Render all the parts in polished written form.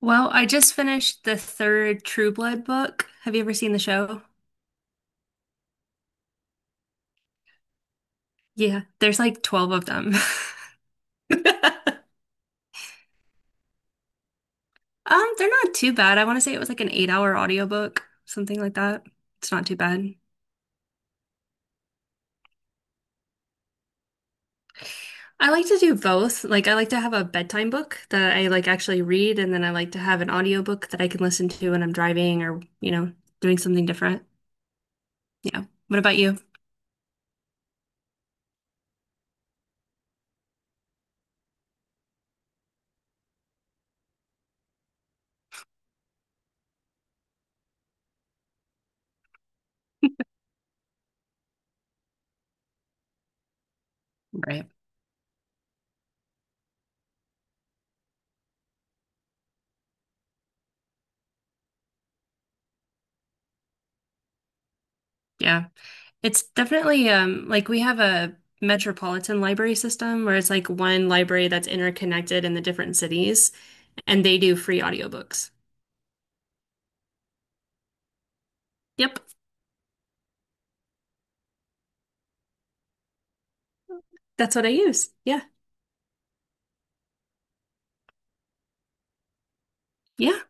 Well, I just finished the third True Blood book. Have you ever seen the show? Yeah, there's like 12 of them. They're not too bad. I want to say it was like an 8 hour audiobook, something like that. It's not too bad. I like to do both. Like I like to have a bedtime book that I like actually read, and then I like to have an audiobook that I can listen to when I'm driving or, doing something different. Yeah. What about you? Right. Yeah. It's definitely like we have a metropolitan library system where it's like one library that's interconnected in the different cities, and they do free audiobooks. Yep, that's what I use. Yeah. Yeah.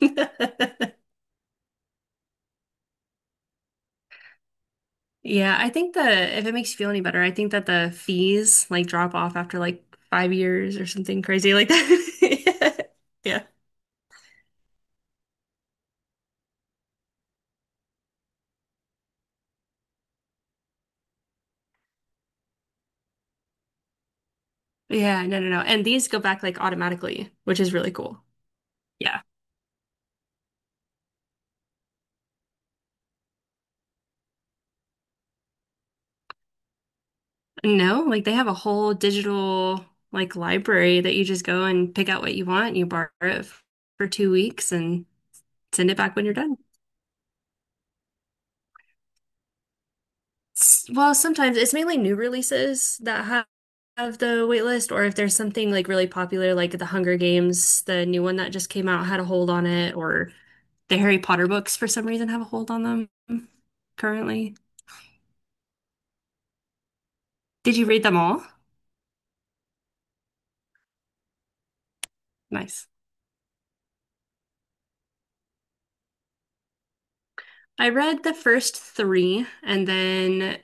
Yeah, I think the if it makes you feel any better, I think that the fees like drop off after like 5 years or something crazy like that. Yeah. Yeah, no, no, no. And these go back like automatically, which is really cool. Yeah. No, like they have a whole digital like library that you just go and pick out what you want, you borrow it for 2 weeks and send it back when you're done. Well, sometimes it's mainly new releases that have the wait list, or if there's something like really popular, like the Hunger Games, the new one that just came out had a hold on it, or the Harry Potter books for some reason have a hold on them currently. Did you read them all? Nice. I read the first three, and then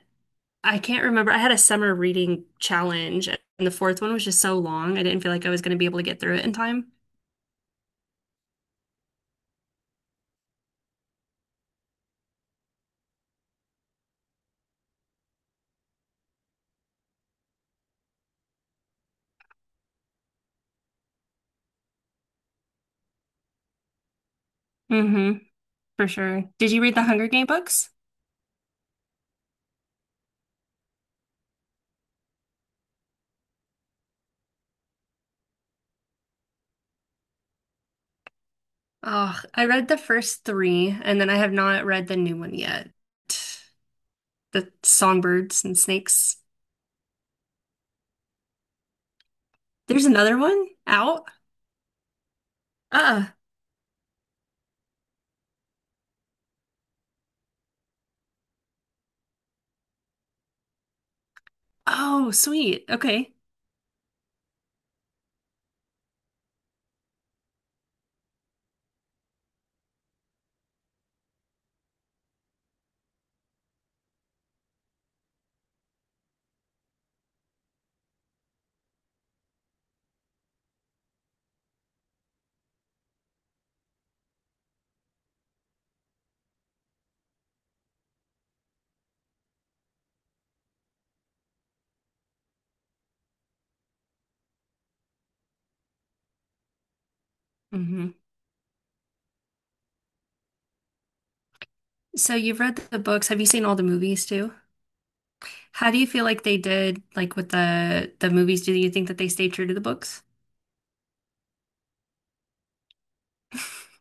I can't remember. I had a summer reading challenge, and the fourth one was just so long. I didn't feel like I was going to be able to get through it in time. Hmm, for sure. Did you read the Hunger Game books? Oh, I read the first three, and then I have not read the new one yet. The songbirds and snakes. There's another one out? Uh, oh, sweet. Okay. Hmm. So you've read the books. Have you seen all the movies too? How do you feel like they did, like with the movies? Do you think that they stayed true to the books?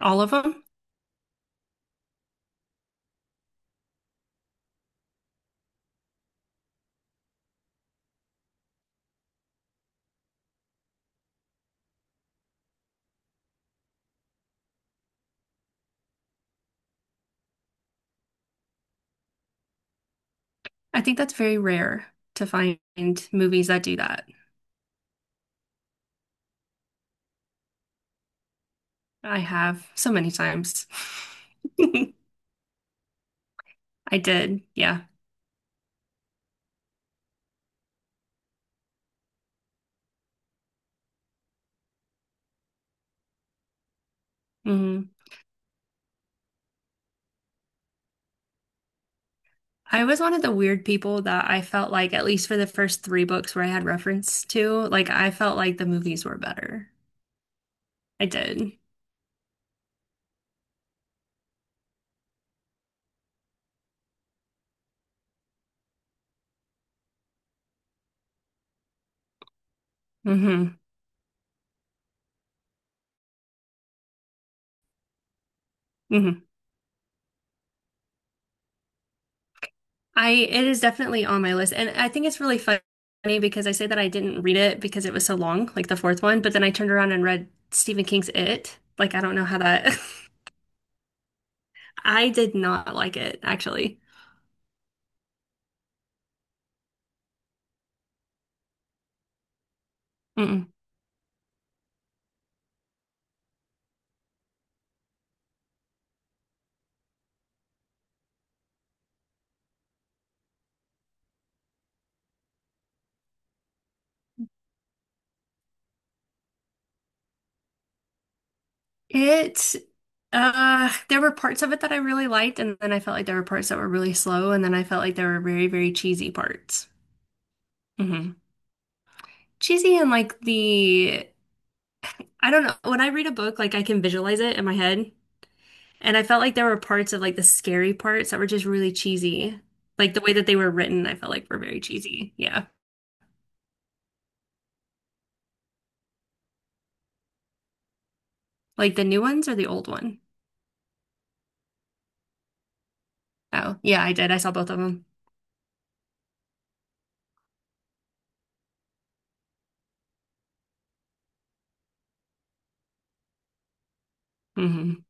All of them? I think that's very rare to find movies that do that. I have so many times. I did, yeah. Hmm. I was one of the weird people that I felt like, at least for the first three books where I had reference to, like I felt like the movies were better. I did. Hmm. Hmm. I It is definitely on my list, and I think it's really funny because I say that I didn't read it because it was so long, like the fourth one, but then I turned around and read Stephen King's It. Like I don't know how that. I did not like it, actually. Mm-mm. It, there were parts of it that I really liked, and then I felt like there were parts that were really slow, and then I felt like there were very, very cheesy parts. Hmm. Cheesy and like I don't know, when I read a book, like I can visualize it in my head, and I felt like there were parts of like the scary parts that were just really cheesy. Like the way that they were written, I felt like were very cheesy. Yeah. Like the new ones or the old one? Oh, yeah, I did. I saw both of them. Hmm.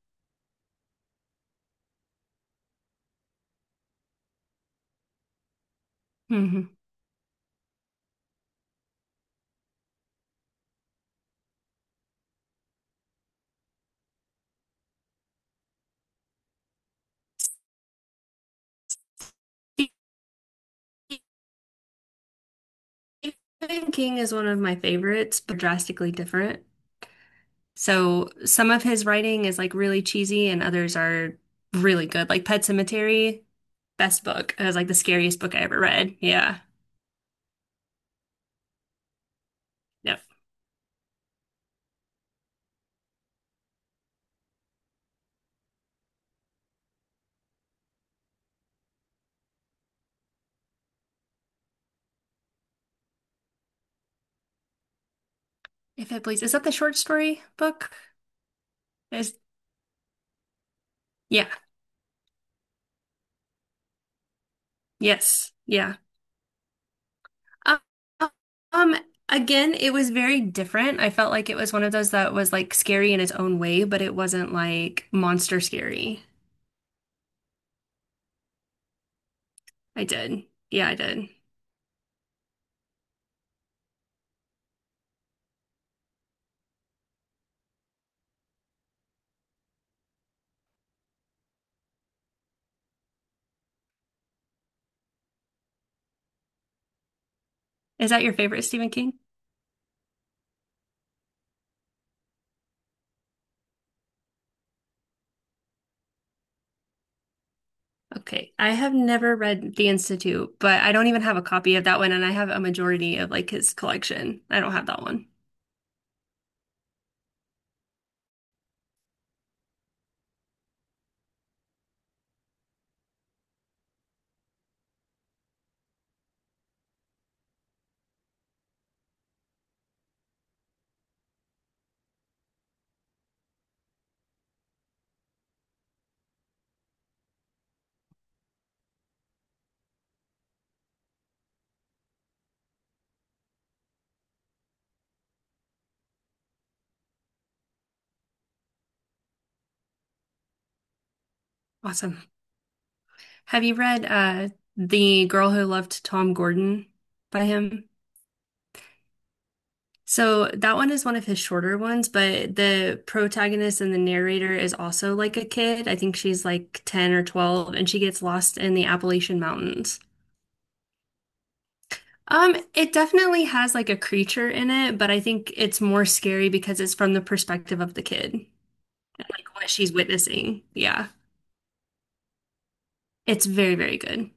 Hmm. Stephen King is one of my favorites, but drastically different. So some of his writing is like really cheesy and others are really good. Like Pet Cemetery, best book. It was like the scariest book I ever read. Yeah. Yep. If it please. Is that the short story book? Is Yeah. Yes. Yeah. Um, um, Again, it was very different. I felt like it was one of those that was like scary in its own way, but it wasn't like monster scary. I did. Yeah, I did. Is that your favorite Stephen King? Okay, I have never read The Institute, but I don't even have a copy of that one, and I have a majority of like his collection. I don't have that one. Awesome. Have you read The Girl Who Loved Tom Gordon by him? So that one is one of his shorter ones, but the protagonist and the narrator is also like a kid. I think she's like 10 or 12, and she gets lost in the Appalachian Mountains. It definitely has like a creature in it, but I think it's more scary because it's from the perspective of the kid and like what she's witnessing. Yeah. It's very, very good.